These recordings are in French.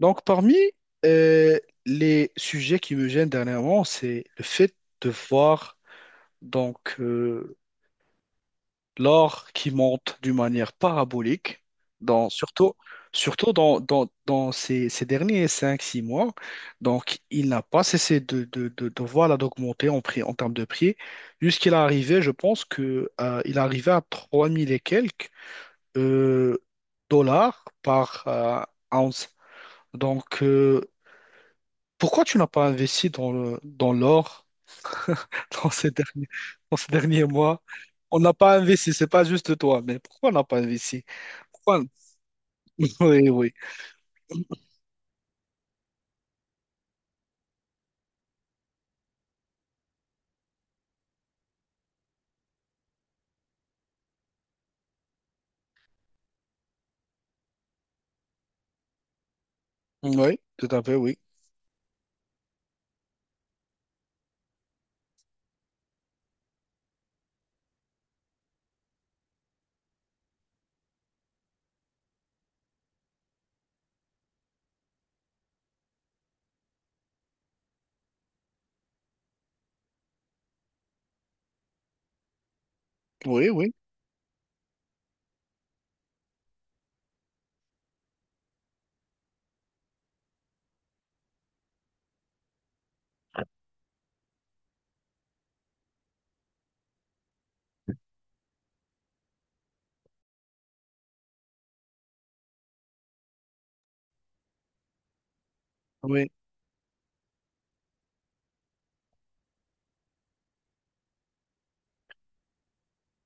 Donc, parmi euh, les sujets qui me gênent dernièrement, c'est le fait de voir donc euh, l'or qui monte d'une manière parabolique, surtout, surtout dans ces derniers cinq six mois. Donc, il n'a pas cessé d'augmenter en prix, en termes de prix, jusqu'il est arrivé, je pense que il est arrivé à 3000 et quelques euh, dollars par ounce. Donc, euh, Pourquoi tu n'as pas investi dans l'or dans ces derniers, dans ces derniers mois? On n'a pas investi, c'est pas juste toi, mais pourquoi on n'a pas investi? Pourquoi... Oui, oui. Oui, tout à fait, oui. Oui, oui, oui.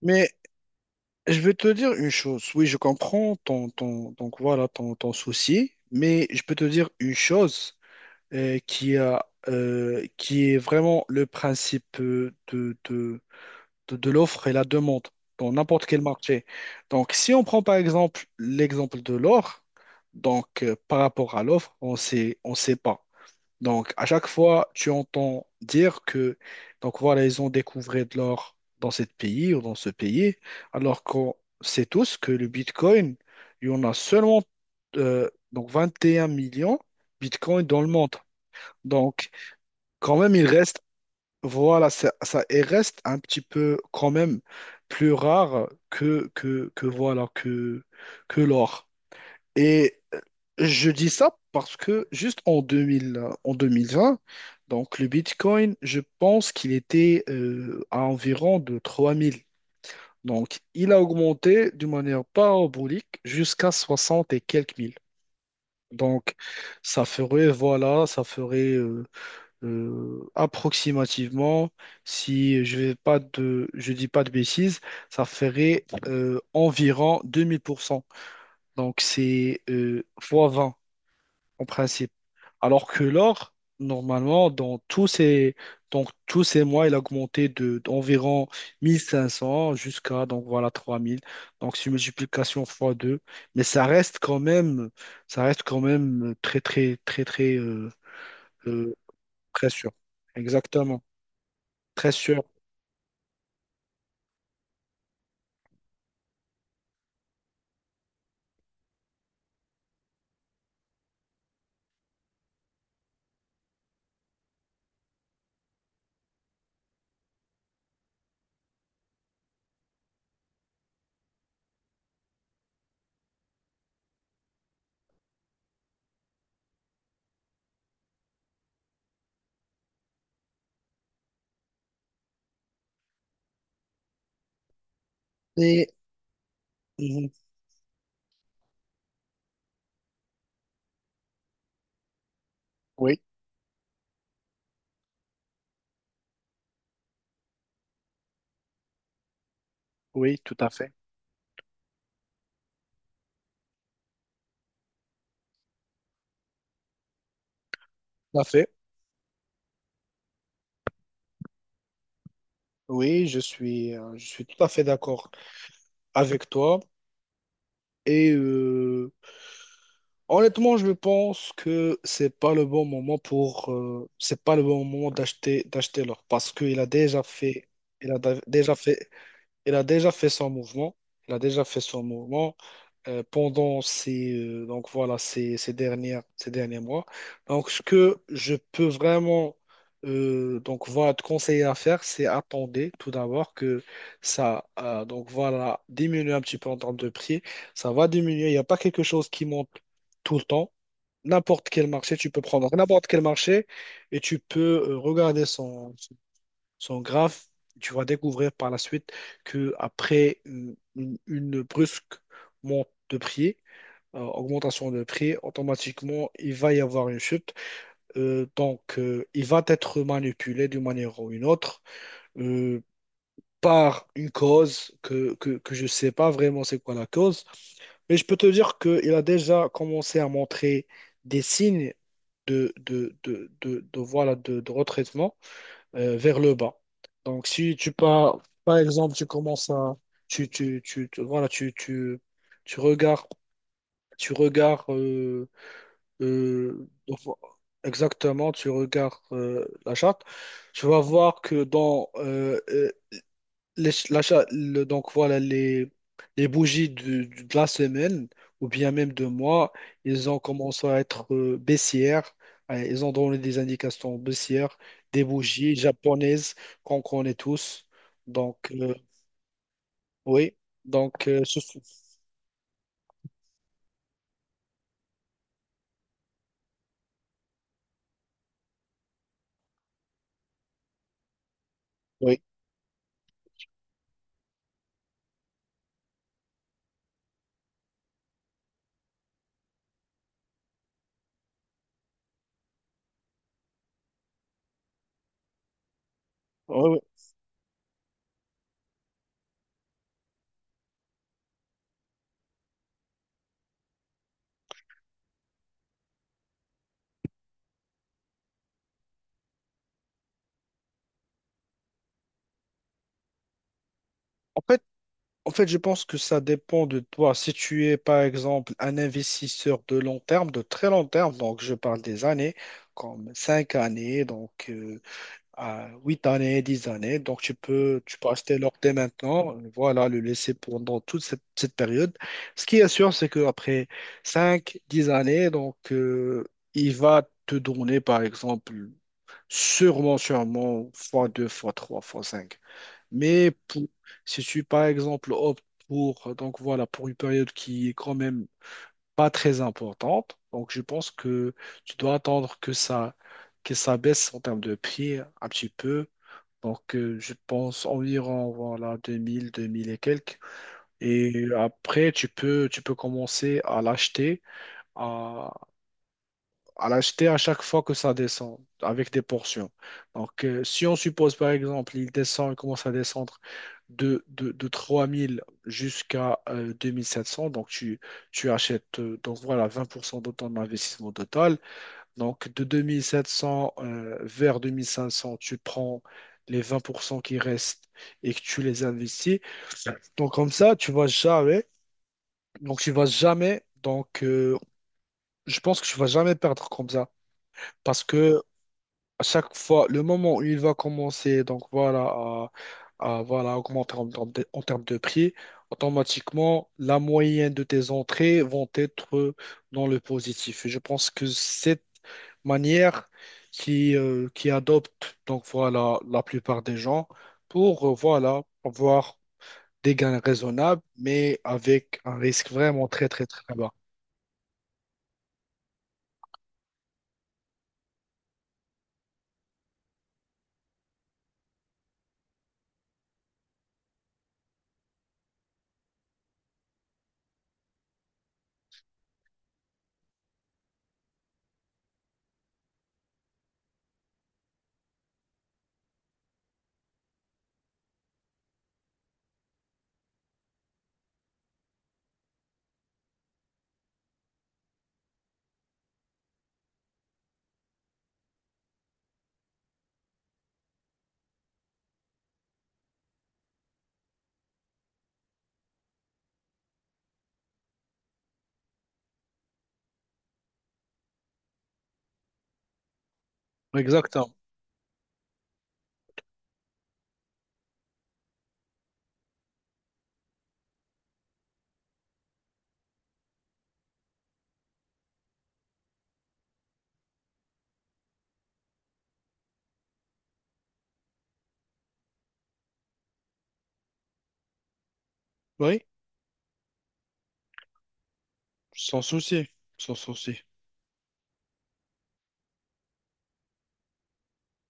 Mais je vais te dire une chose. Oui, je comprends ton, ton, donc voilà, ton, ton souci, mais je peux te dire une chose qui a, qui est vraiment le principe de l'offre et la demande dans n'importe quel marché. Donc, si on prend par exemple l'exemple de l'or, donc par rapport à l'offre, on sait pas. Donc, à chaque fois, tu entends dire que, donc voilà, ils ont découvert de l'or dans ce pays ou dans ce pays, alors qu'on sait tous que le Bitcoin, il y en a seulement donc 21 millions de Bitcoin dans le monde. Donc, quand même, il reste voilà, ça et reste un petit peu quand même plus rare que, que l'or. Et je dis ça parce que juste en 2000, en 2020, donc le Bitcoin, je pense qu'il était à environ de 3000. Donc il a augmenté d'une manière parabolique jusqu'à 60 et quelques mille. Donc ça ferait, voilà, ça ferait approximativement, si je vais pas de, je dis pas de bêtises, ça ferait environ 2000%. Donc c'est fois 20 en principe. Alors que l'or, normalement, dans tous ces mois, il a augmenté d'environ 1500 jusqu'à donc voilà 3000. Donc c'est une multiplication fois 2. Mais ça reste quand même, ça reste quand même très très très euh, très sûr. Exactement. Très sûr. Et mhm, oui, oui, tout à fait. Tout à fait. Oui, je suis tout à fait d'accord avec toi. Et honnêtement, je pense que c'est pas le bon moment pour, c'est pas le bon moment d'acheter, d'acheter l'or parce qu'il a déjà fait, il a da- déjà fait il a déjà fait son mouvement. Il a déjà fait son mouvement pendant ces, donc voilà, ces, ces dernières, ces derniers mois. Donc, ce que je peux vraiment te conseiller à faire, c'est attendre tout d'abord que ça diminue un petit peu en termes de prix. Ça va diminuer. Il n'y a pas quelque chose qui monte tout le temps. N'importe quel marché, tu peux prendre n'importe quel marché et tu peux regarder son, sont graves. Tu vas découvrir par la suite que après une brusque monte de prix, augmentation de prix, automatiquement, il va y avoir une chute. Il va être manipulé d'une manière ou une autre euh, par une cause que je ne sais pas vraiment c'est quoi la cause. Mais je peux te dire qu'il a déjà commencé à montrer des signes de retraitement vers le bas. Donc, si tu pars, par exemple, tu commences à, tu- voilà, tu regardes, tu regardes, euh, euh, exactement, tu regardes la charte, tu vas voir que dans l'achat, le- donc voilà, les bougies de la semaine ou bien même de mois, ils ont commencé à être baissières. Ils ont donné des indications baissières, des bougies japonaises qu'on connaît tous. Donc, euh, oui. Donc, euh, ce- ce- oui. Oui, oui. En fait, en fait, je pense que ça dépend de toi. Si tu es, par exemple, un investisseur de long terme, de très long terme, donc je parle des années, comme cinq années, à 8 années, 10 années. Donc, tu peux acheter l'or dès maintenant, voilà, le laisser pendant toute cette, cette période. Ce qui est sûr, c'est qu'après 5 10 années, il va te donner, par exemple, sûrement, sûrement, fois 2 fois 3 fois cinq. Mais pour- si tu, par exemple, optes pour, donc, voilà, pour une période qui est quand même pas très importante, donc, je pense que tu dois attendre que ça baisse en termes de prix un petit peu donc, je pense environ voilà, 2000, 2000 et quelques. Et après, tu peux commencer à l'acheter à, à l'acheter à chaque fois que ça descend avec des portions. Donc, si on suppose par exemple, il descend, il commence à descendre de 3000 jusqu'à 2700, donc tu achètes donc voilà, 20% de ton investissement total. Donc, de 2700 vers 2500, tu prends les 20% qui restent et que tu les investis. Donc, comme ça, tu vas jamais. Donc, tu vas jamais. Je pense que tu vas jamais perdre comme ça. Parce que à chaque fois, le moment où il va commencer, donc voilà, voilà, augmenter en termes de prix, automatiquement, la moyenne de tes entrées vont être dans le positif. Et je pense que cette manière qui adopte, donc voilà, la plupart des gens pour, voilà, avoir des gains raisonnables, mais avec un risque vraiment très, très, très bas. Exactement. Oui, sans souci, sans souci.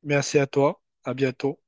Merci à toi. À bientôt.